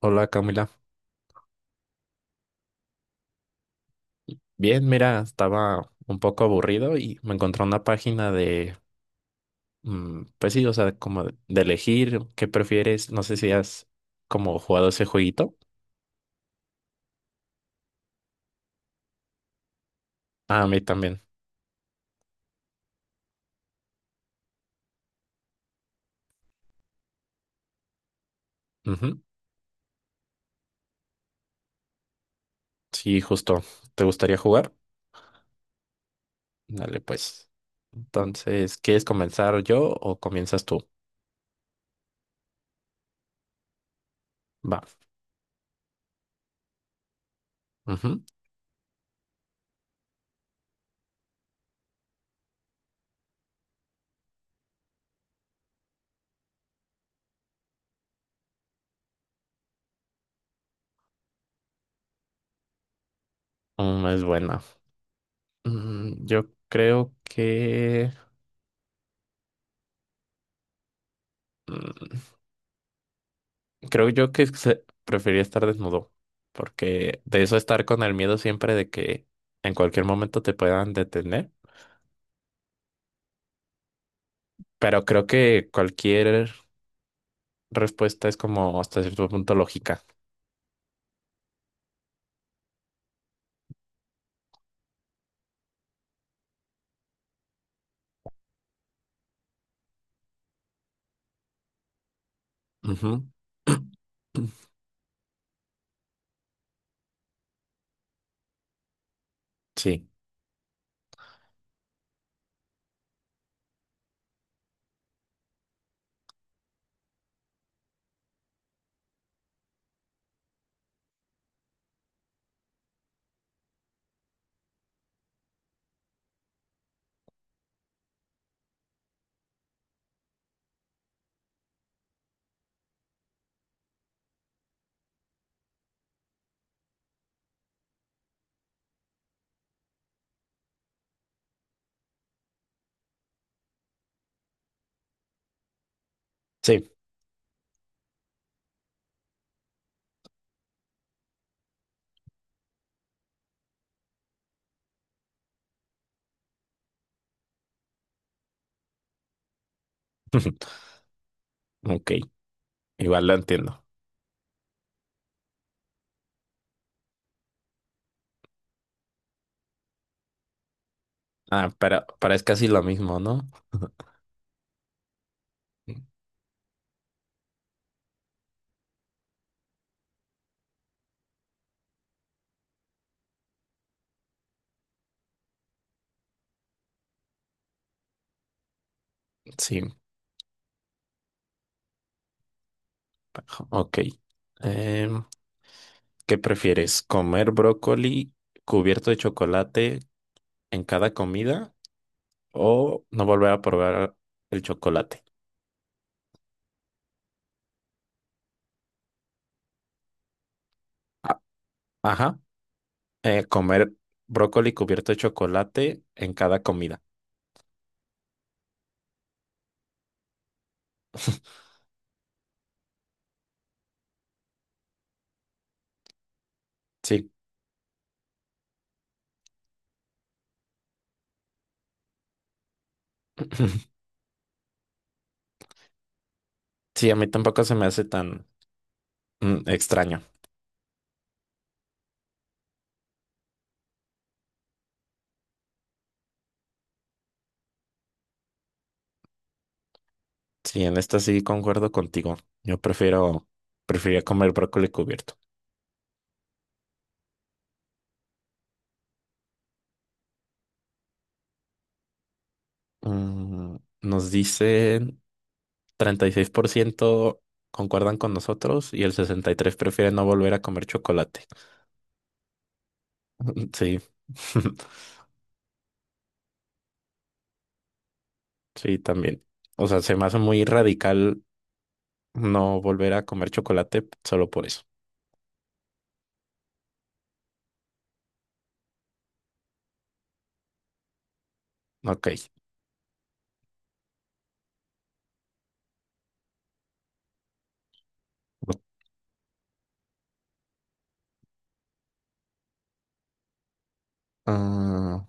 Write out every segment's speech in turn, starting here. Hola, Camila. Bien, mira, estaba un poco aburrido y me encontré una página de, pues sí, o sea, como de elegir qué prefieres. No sé si has como jugado ese jueguito. Ah, a mí también. Ujú. Sí, justo. ¿Te gustaría jugar? Dale, pues. Entonces, ¿quieres comenzar yo o comienzas tú? Va. Ujú. Es buena. Yo creo que... mm, creo yo que prefería estar desnudo, porque de eso estar con el miedo siempre de que en cualquier momento te puedan detener, pero creo que cualquier respuesta es como hasta cierto punto lógica. Ujú. Sí, sí. Ok, igual lo entiendo. Ah, pero es casi lo mismo, ¿no? Sí, ok. Em, ¿Qué prefieres? ¿Comer brócoli cubierto de chocolate en cada comida? ¿O no volver a probar el chocolate? A- Ajá. Comer brócoli cubierto de chocolate en cada comida. Sí. Sí, a mí tampoco se me hace tan extraño. Sí, en esta sí concuerdo contigo. Yo prefiero, preferiría comer brócoli cubierto. Nos dicen 36% concuerdan con nosotros y el 63% prefiere no volver a comer chocolate. Sí, sí, también. O sea, se me hace muy radical no volver a comer chocolate solo por eso. Ok. Ah,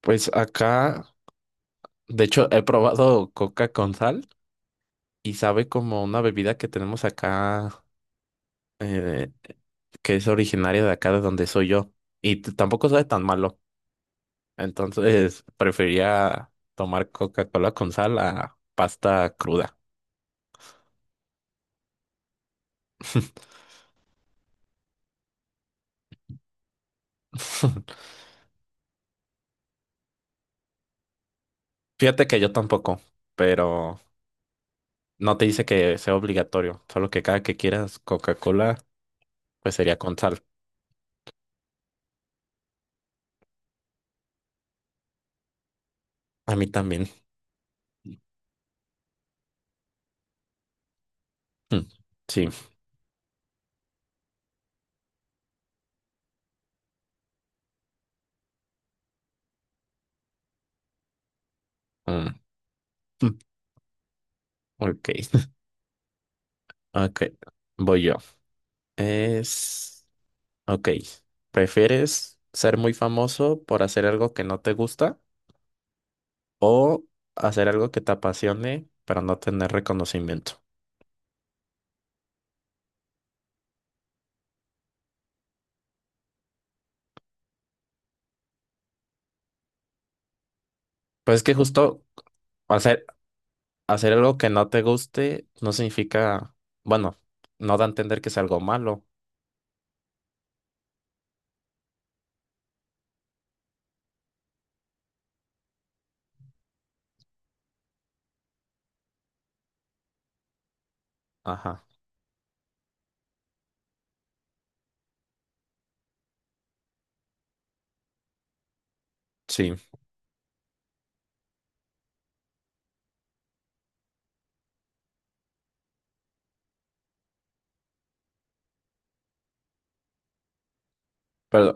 pues acá, de hecho, he probado coca con sal y sabe como una bebida que tenemos acá, eh, que es originaria de acá de donde soy yo. Y tampoco sabe tan malo. Entonces, prefería tomar Coca-Cola con sal a pasta cruda. Fíjate que yo tampoco, pero no te dice que sea obligatorio, solo que cada que quieras Coca-Cola. Pues sería con sal. A mí también. Mm, sí. Mm, mm, ok. Ok. Voy yo. Es. Ok. ¿Prefieres ser muy famoso por hacer algo que no te gusta o hacer algo que te apasione pero no tener reconocimiento? Pues es que justo hacer, hacer algo que no te guste no significa. Bueno, no da a entender que es algo malo. Ajá. Sí. Pero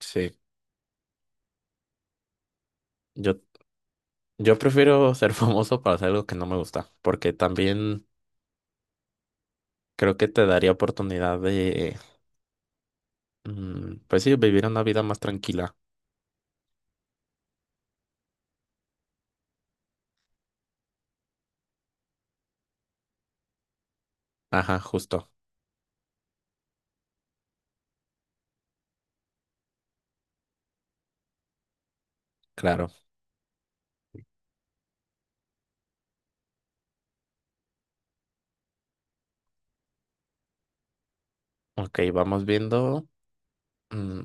sí. Yo Yo prefiero ser famoso para hacer algo que no me gusta, porque también creo que te daría oportunidad de, pues sí, vivir una vida más tranquila. Ajá, justo, claro. Ok, vamos viendo. mm,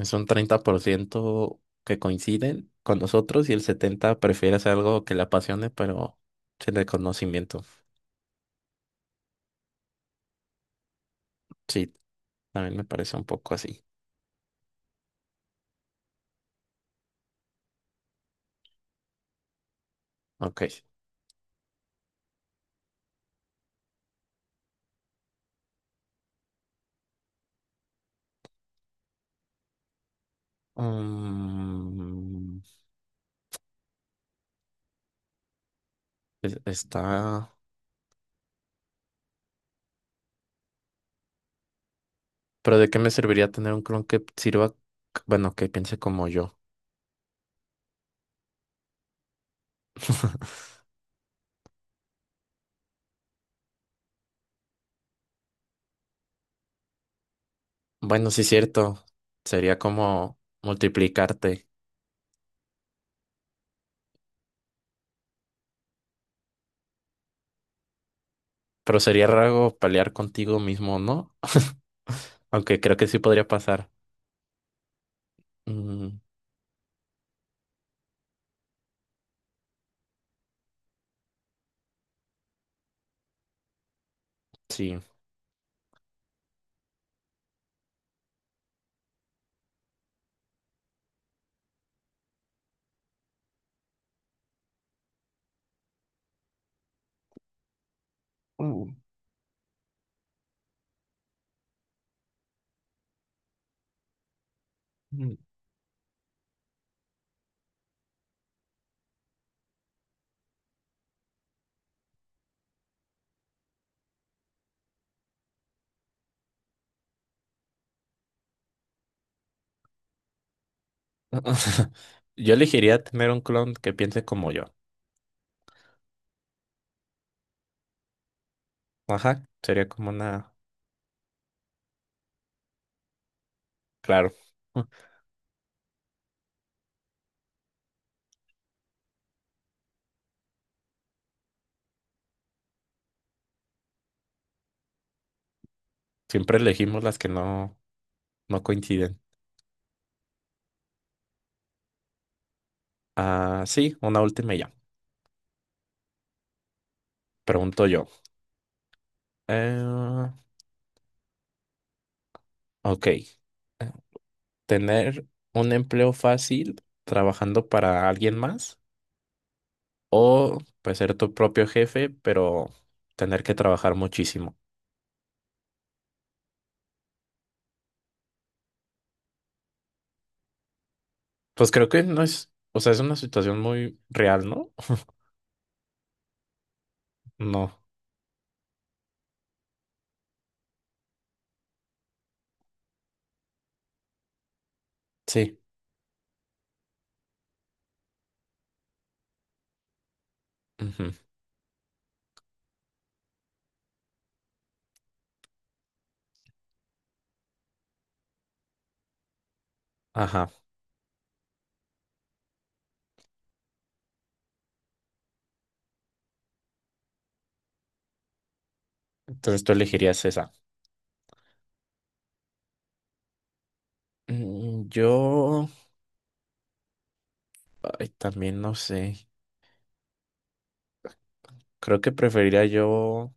es un 30% que coinciden con nosotros y el 70% prefiere hacer algo que le apasione, pero sin reconocimiento. Sí, también me parece un poco así. Ok. Mm, está. Pero ¿de qué me serviría tener un clon que sirva, bueno, que piense como yo? Bueno, sí, cierto. Sería como multiplicarte. Pero sería raro pelear contigo mismo, ¿no? Aunque creo que sí podría pasar. Mm, sí. Uh, mm. Yo elegiría tener un clon que piense como yo. Ajá, sería como una. Claro. Siempre elegimos las que no coinciden. Ah, sí, una última y ya. Pregunto yo. Eh, ok. ¿Tener un empleo fácil trabajando para alguien más o pues ser tu propio jefe, pero tener que trabajar muchísimo? Pues creo que no es, o sea, es una situación muy real, ¿no? No, sí. Ujú. Ajá. Entonces tú elegirías esa. Yo, ay, también no sé. Creo que preferiría yo.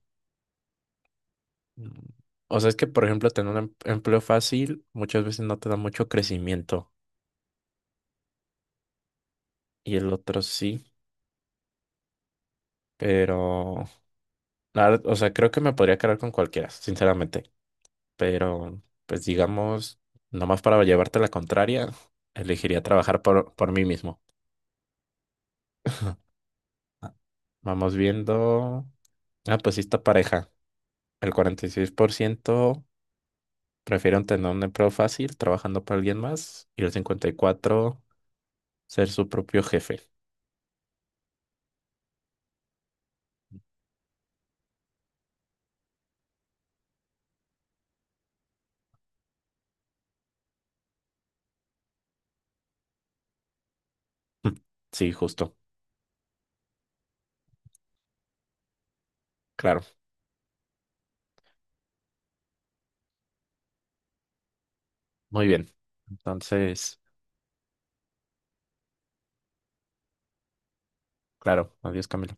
mm, O sea, es que, por ejemplo, tener un empleo fácil muchas veces no te da mucho crecimiento y el otro sí, pero la verdad, o sea, creo que me podría quedar con cualquiera, sinceramente. Pero, pues digamos, nomás para llevarte la contraria, elegiría trabajar por mí mismo. Ah. Vamos viendo. Ah, pues sí, esta pareja. El 46% prefieren tener un empleo fácil trabajando para alguien más y el 54% ser su propio jefe. Sí, justo. Claro. Muy bien. Entonces, claro. Adiós, Camilo.